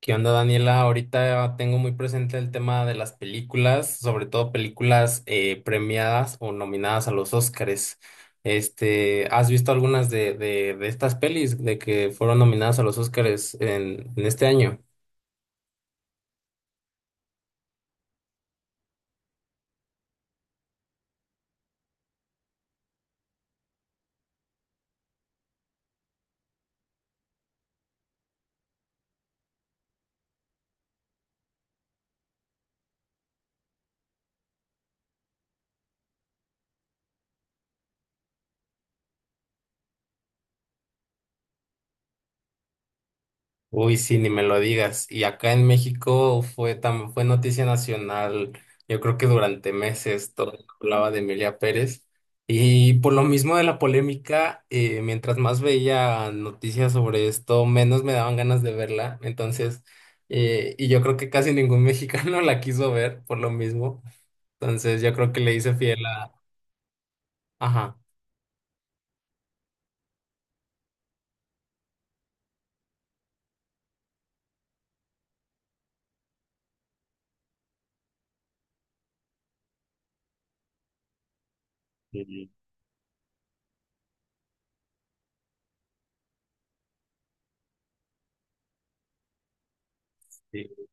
¿Qué onda, Daniela? Ahorita tengo muy presente el tema de las películas, sobre todo películas premiadas o nominadas a los Óscares. ¿Has visto algunas de estas pelis de que fueron nominadas a los Óscares en este año? Uy, sí, ni me lo digas. Y acá en México fue tan, fue noticia nacional, yo creo que durante meses todo el mundo hablaba de Emilia Pérez. Y por lo mismo de la polémica, mientras más veía noticias sobre esto, menos me daban ganas de verla. Entonces, y yo creo que casi ningún mexicano la quiso ver por lo mismo. Entonces, yo creo que le hice fiel a... Ajá. Sí. Sí.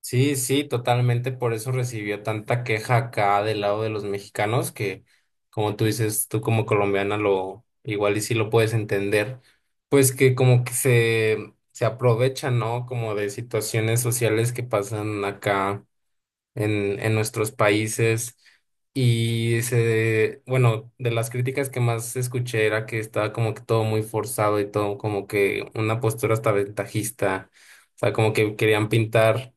Sí, sí, totalmente. Por eso recibió tanta queja acá del lado de los mexicanos, que como tú dices, tú como colombiana lo igual y sí lo puedes entender, pues que como que se aprovechan, ¿no? Como de situaciones sociales que pasan acá en nuestros países. Y se, bueno, de las críticas que más escuché era que estaba como que todo muy forzado y todo como que una postura hasta ventajista. O sea, como que querían pintar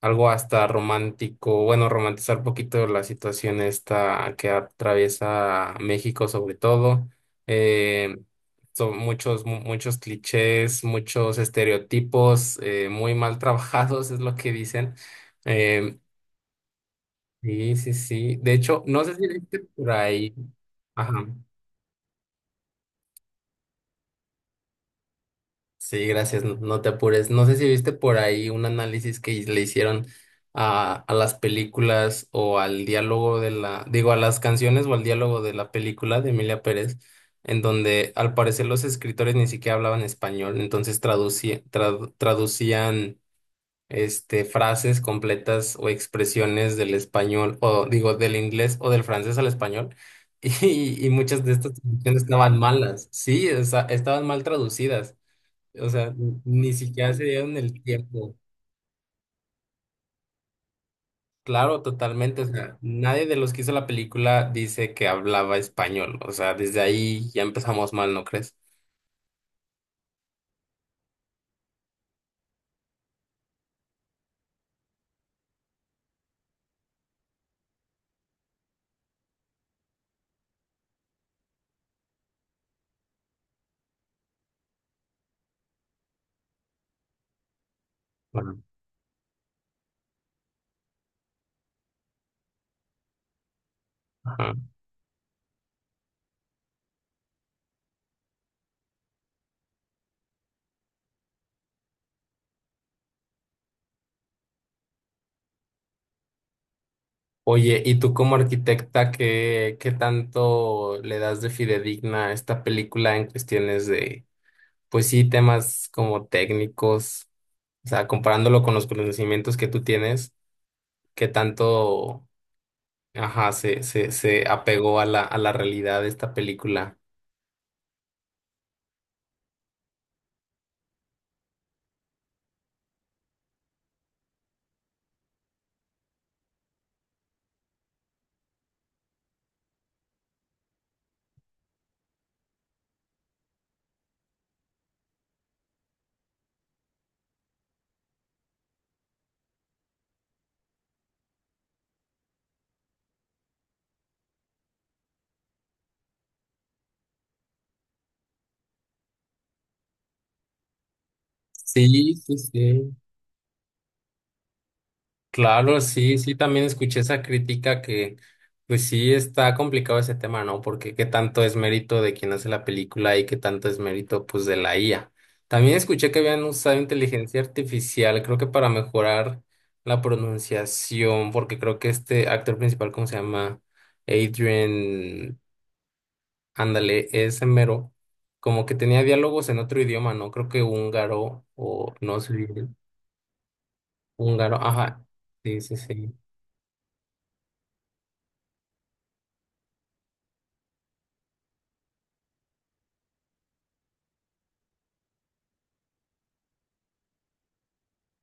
algo hasta romántico, bueno, romantizar un poquito la situación esta que atraviesa México sobre todo. Eh, son muchos, muchos clichés, muchos estereotipos muy mal trabajados, es lo que dicen. Em, sí, sí, sí. De hecho, no sé si viste por ahí. Ajá. Sí, gracias, no, no te apures. No sé si viste por ahí un análisis que le hicieron a las películas o al diálogo de la, digo, a las canciones o al diálogo de la película de Emilia Pérez, en donde al parecer los escritores ni siquiera hablaban español, entonces traducían frases completas o expresiones del español, o digo, del inglés o del francés al español. Y, y muchas de estas traducciones estaban malas, sí, o sea, estaban mal traducidas. O sea, ni siquiera se dieron el tiempo. Claro, totalmente. O sea, nadie de los que hizo la película dice que hablaba español. O sea, desde ahí ya empezamos mal, ¿no crees? Bueno, ajá. Oye, ¿y tú como arquitecta, qué, qué tanto le das de fidedigna a esta película en cuestiones de, pues sí, temas como técnicos? O sea, comparándolo con los conocimientos que tú tienes, ¿qué tanto, ajá, se apegó a la realidad de esta película? Sí, sí, sí. Claro, sí, sí, también escuché esa crítica que, pues sí, está complicado ese tema, ¿no? Porque qué tanto es mérito de quien hace la película y qué tanto es mérito, pues, de la IA. También escuché que habían usado inteligencia artificial, creo que para mejorar la pronunciación, porque creo que este actor principal, ¿cómo se llama? Adrian, ándale, ese mero, como que tenía diálogos en otro idioma, ¿no? Creo que húngaro o no sé. Húngaro, ajá. Sí, sí, sí.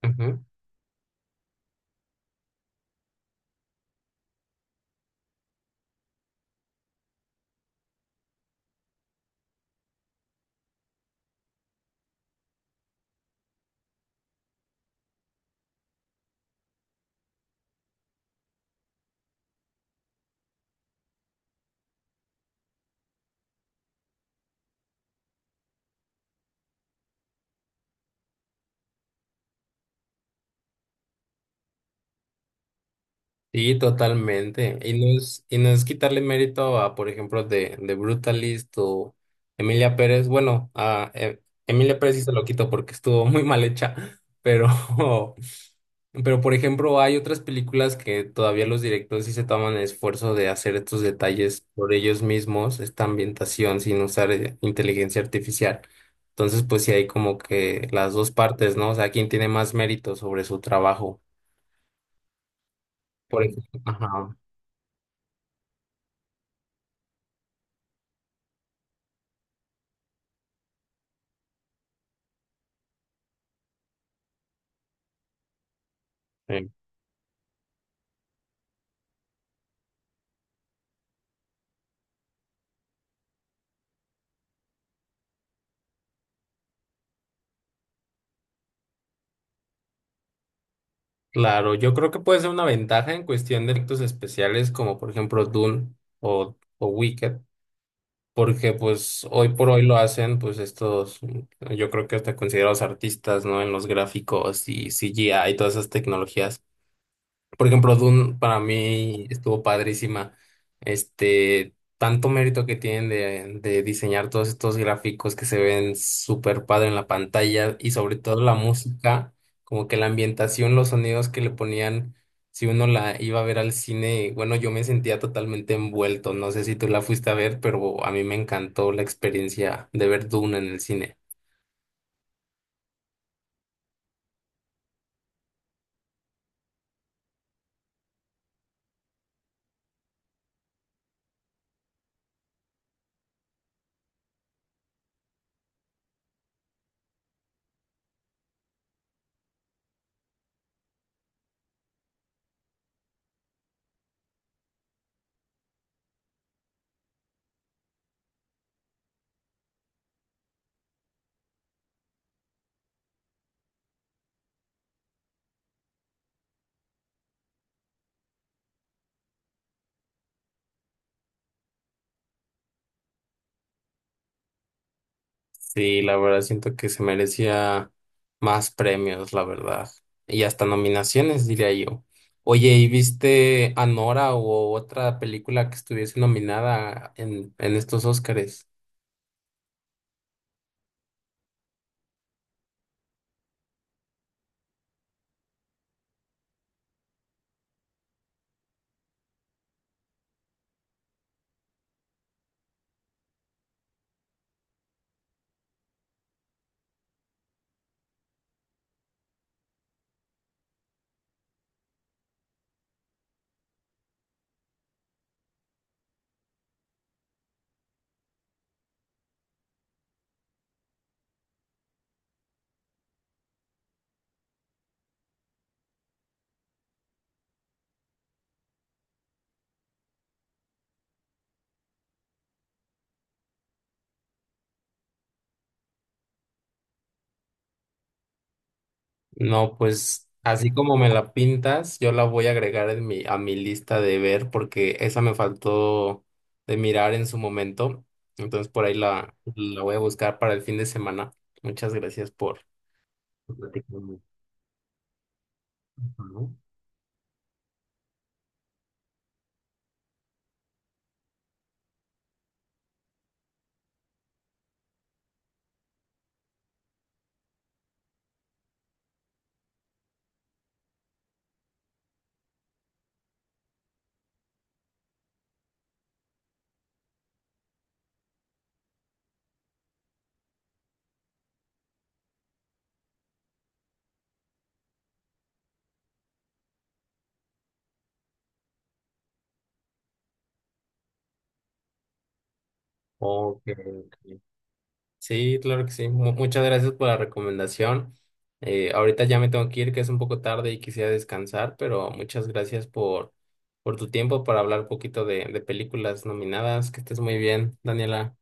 Ujú. Sí, totalmente. Y no es quitarle mérito a, por ejemplo, de Brutalist o Emilia Pérez. Bueno, a Emilia Pérez sí se lo quito porque estuvo muy mal hecha, pero Pero, por ejemplo, hay otras películas que todavía los directores sí se toman el esfuerzo de hacer estos detalles por ellos mismos, esta ambientación sin usar inteligencia artificial. Entonces, pues sí hay como que las dos partes, ¿no? O sea, quién tiene más mérito sobre su trabajo. Por ejemplo, ajá. eh, Claro, yo creo que puede ser una ventaja en cuestión de efectos especiales, como por ejemplo Dune o Wicked. Porque pues hoy por hoy lo hacen pues estos, yo creo que hasta considerados artistas, ¿no? En los gráficos y CGI y todas esas tecnologías. Por ejemplo, Dune para mí estuvo padrísima. Tanto mérito que tienen de diseñar todos estos gráficos que se ven súper padre en la pantalla y sobre todo la música, como que la ambientación, los sonidos que le ponían, si uno la iba a ver al cine, bueno, yo me sentía totalmente envuelto. No sé si tú la fuiste a ver, pero a mí me encantó la experiencia de ver Dune en el cine. Sí, la verdad siento que se merecía más premios, la verdad. Y hasta nominaciones, diría yo. Oye, ¿y viste Anora o otra película que estuviese nominada en estos Óscares? No, pues así como me la pintas, yo la voy a agregar en mi, a mi lista de ver porque esa me faltó de mirar en su momento. Entonces por ahí la, la voy a buscar para el fin de semana. Muchas gracias por platicarme. ¿No? Ok, ok. Sí, claro que sí. Muchas gracias por la recomendación. Ahorita ya me tengo que ir, que es un poco tarde y quisiera descansar, pero muchas gracias por tu tiempo para hablar un poquito de películas nominadas. Que estés muy bien, Daniela.